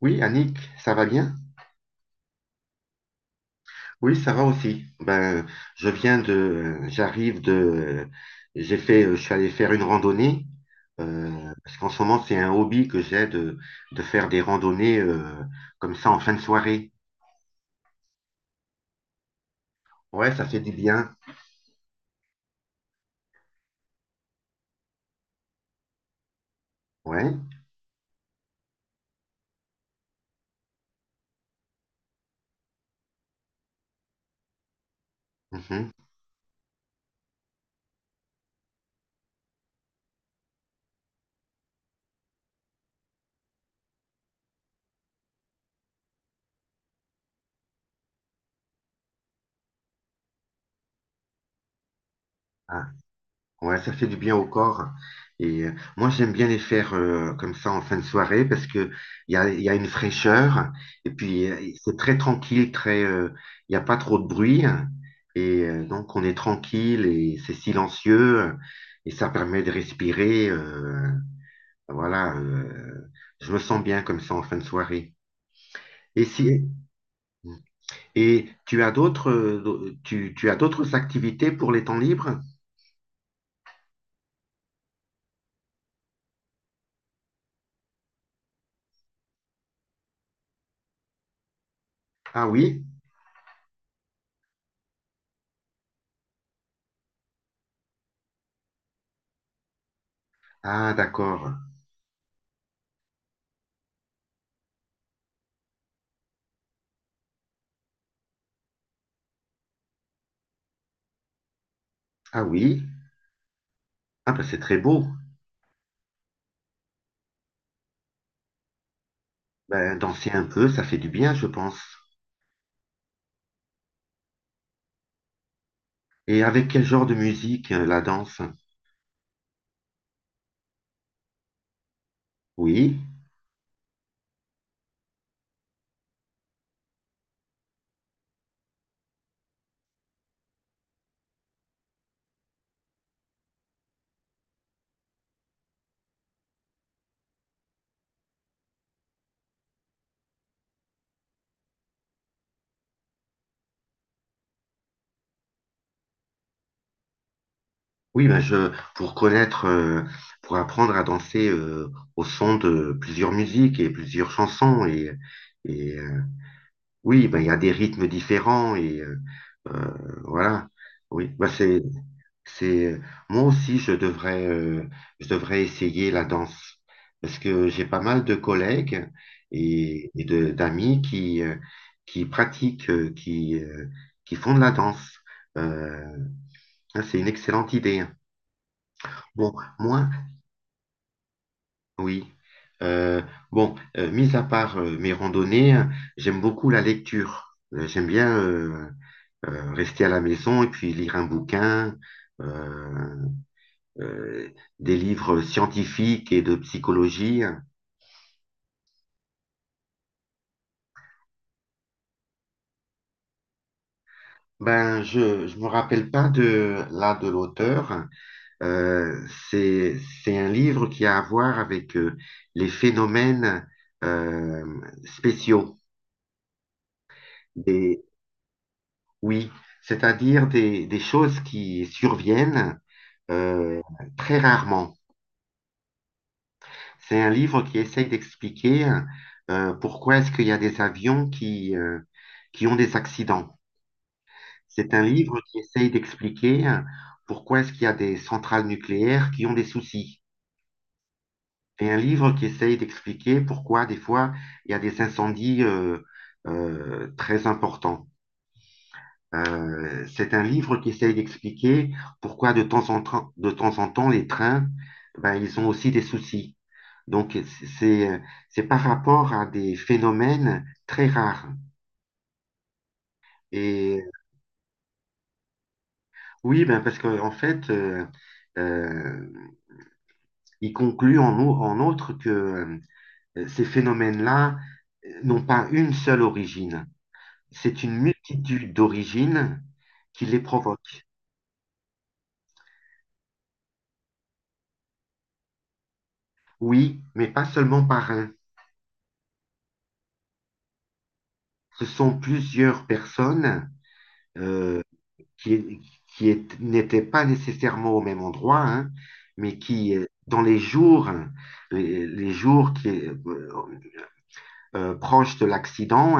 Oui, Annick, ça va bien? Oui, ça va aussi. Ben, je viens de, j'arrive de, j'ai fait, je suis allé faire une randonnée parce qu'en ce moment c'est un hobby que de faire des randonnées comme ça en fin de soirée. Ouais, ça fait du bien. Ouais. Mhm. Ouais, ça fait du bien au corps. Et moi, j'aime bien les faire comme ça en fin de soirée parce que il y a une fraîcheur et puis c'est très tranquille, il n'y a pas trop de bruit. Et donc, on est tranquille et c'est silencieux et ça permet de respirer. Voilà, euh, je me sens bien comme ça en fin de soirée. Et si, Et tu as d'autres activités pour les temps libres? Ah oui? Ah, d'accord. Ah oui. Ah ben c'est très beau. Ben, danser un peu, ça fait du bien, je pense. Et avec quel genre de musique, la danse? Oui, oui, ben je pour connaître, pour apprendre à danser au son de plusieurs musiques et plusieurs chansons. Et euh, oui, ben il y a des rythmes différents et euh, voilà. Oui, ben c'est C'est moi aussi je devrais essayer la danse parce que j'ai pas mal de collègues et de d'amis qui qui pratiquent, qui font de la danse. Euh, hein, c'est une excellente idée. Hein. Bon, moi, oui. Euh, Mis à part mes randonnées, j'aime beaucoup la lecture. J'aime bien rester à la maison et puis lire un bouquin. Euh, euh, des livres scientifiques et de psychologie. Ben, je me rappelle pas de l'auteur. Euh, c'est un livre qui a à voir avec les phénomènes euh, spéciaux. Des, oui, c'est-à-dire des choses qui surviennent euh, très rarement. C'est un livre qui essaye d'expliquer pourquoi est-ce qu'il y a des avions qui qui ont des accidents. C'est un livre qui essaye d'expliquer pourquoi est-ce qu'il y a des centrales nucléaires qui ont des soucis. Et un livre qui essaye d'expliquer pourquoi des fois il y a des incendies très importants. C'est un livre qui essaye d'expliquer pourquoi de temps en temps, de temps en temps les trains, ben, ils ont aussi des soucis. Donc c'est c'est par rapport à des phénomènes très rares. Et oui, ben parce que en fait, euh, il conclut en outre que ces phénomènes-là n'ont pas une seule origine. C'est une multitude d'origines qui les provoquent. Oui, mais pas seulement par un. Ce sont plusieurs personnes euh, qui, n'étaient pas nécessairement au même endroit, hein, mais qui dans les jours, hein, les jours proches de l'accident,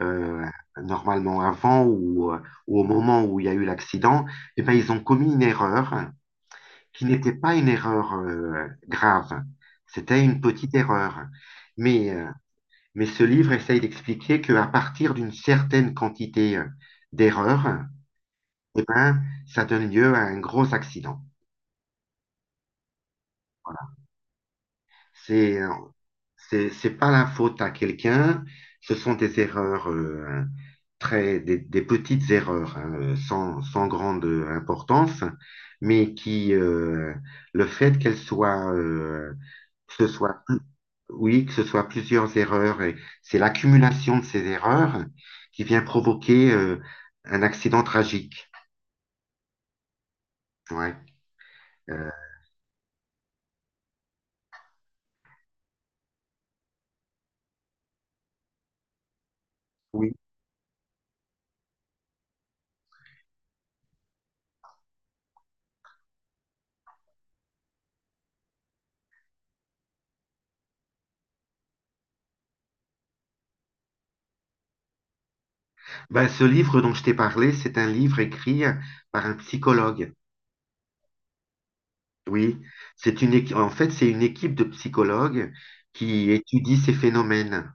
euh, normalement avant ou ou au moment où il y a eu l'accident, eh ben, ils ont commis une erreur qui n'était pas une erreur grave. C'était une petite erreur. Mais, euh, mais ce livre essaye d'expliquer qu'à partir d'une certaine quantité d'erreurs, eh ben, ça donne lieu à un gros accident. Voilà. C'est, euh, c'est pas la faute à quelqu'un, ce sont des erreurs, des petites erreurs, hein, sans grande importance, mais qui, le fait qu'elles soient, euh, que ce soit, oui, que ce soit plusieurs erreurs, et c'est l'accumulation de ces erreurs qui vient provoquer, un accident tragique. Ouais. Euh, oui. Ben, ce livre dont je t'ai parlé, c'est un livre écrit par un psychologue. Oui, c'est en fait, c'est une équipe de psychologues qui étudie ces phénomènes,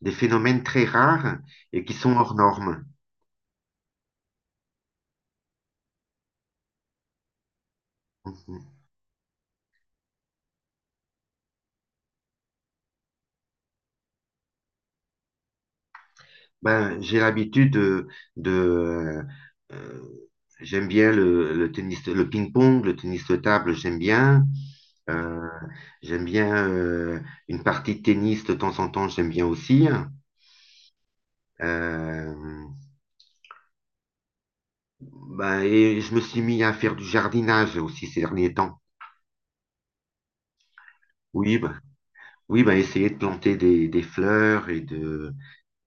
des phénomènes très rares et qui sont hors normes. Mhm. Ben, j'ai l'habitude de, euh, j'aime bien le tennis, le ping-pong, le tennis de table, j'aime bien. Euh, J'aime bien une partie de tennis de temps en temps, j'aime bien aussi. Euh, ben, et je me suis mis à faire du jardinage aussi ces derniers temps. Oui, ben, oui, bah, essayer de planter des fleurs et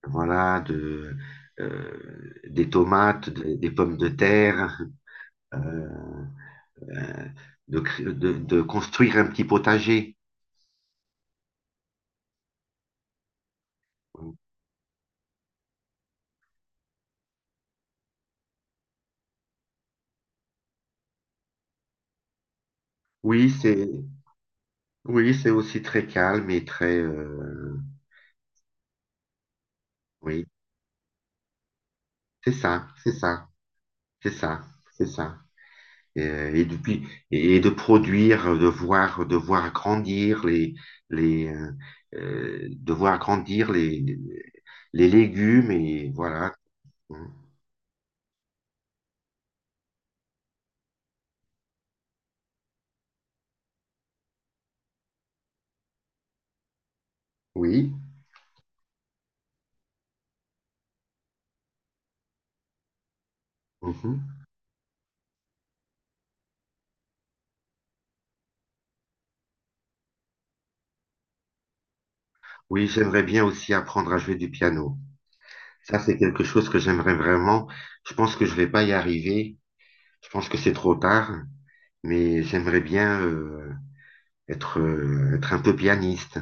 voilà, de, des tomates, des pommes de terre, euh, euh, de construire un petit potager. Oui, c'est, oui, c'est aussi très calme et très, oui, c'est ça, c'est ça, c'est ça, c'est ça. Et depuis, et de produire, de voir grandir les, de voir grandir les légumes et voilà. Oui, mhm. Oui, j'aimerais bien aussi apprendre à jouer du piano. Ça, c'est quelque chose que j'aimerais vraiment. Je pense que je vais pas y arriver. Je pense que c'est trop tard, mais j'aimerais bien être, être un peu pianiste.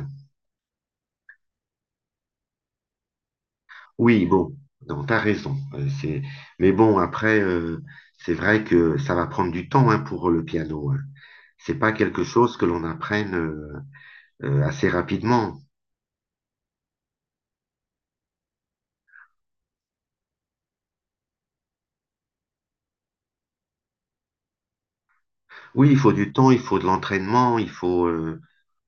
Oui, bon, non, t'as raison. C'est... Mais bon, c'est vrai que ça va prendre du temps hein, pour le piano. Hein. C'est pas quelque chose que l'on apprenne assez rapidement. Oui, il faut du temps, il faut de l'entraînement, il faut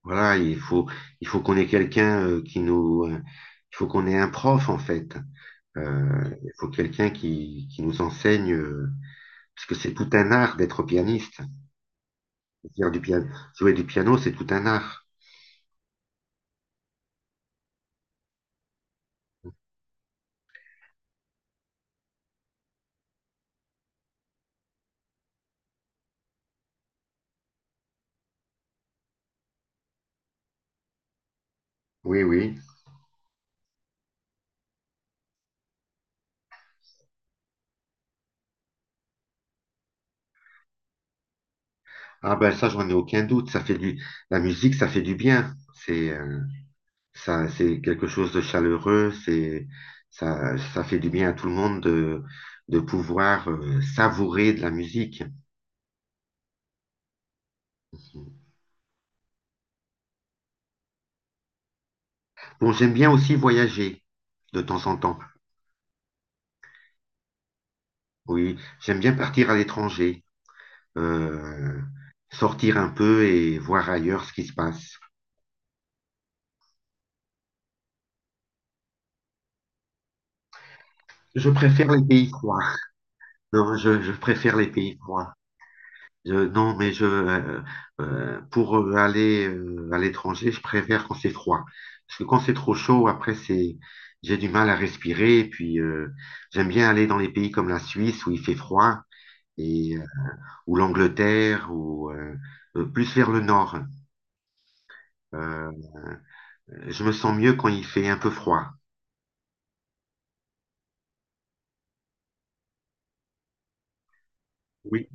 voilà, il faut qu'on ait quelqu'un qui nous il faut qu'on ait un prof en fait. Il faut quelqu'un qui nous enseigne parce que c'est tout un art d'être pianiste. Faire du piano, jouer du piano, c'est tout un art. Oui, oui. Ah ben ça, j'en ai aucun doute. La musique, ça fait du bien. C'est quelque chose de chaleureux. Ça fait du bien à tout le monde de pouvoir savourer de la musique. Bon, j'aime bien aussi voyager de temps en temps. Oui, j'aime bien partir à l'étranger, euh, sortir un peu et voir ailleurs ce qui se passe. Je préfère les pays froids. Non, je préfère les pays froids. Non, mais pour aller à l'étranger, je préfère quand c'est froid. Parce que quand c'est trop chaud, j'ai du mal à respirer. Et puis, j'aime bien aller dans les pays comme la Suisse où il fait froid, et, euh, ou l'Angleterre, ou plus vers le nord. Euh, je me sens mieux quand il fait un peu froid. Oui,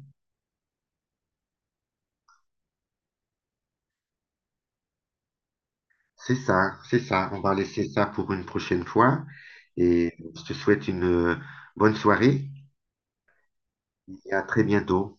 c'est ça. On va laisser ça pour une prochaine fois. Et je te souhaite une bonne soirée et à très bientôt.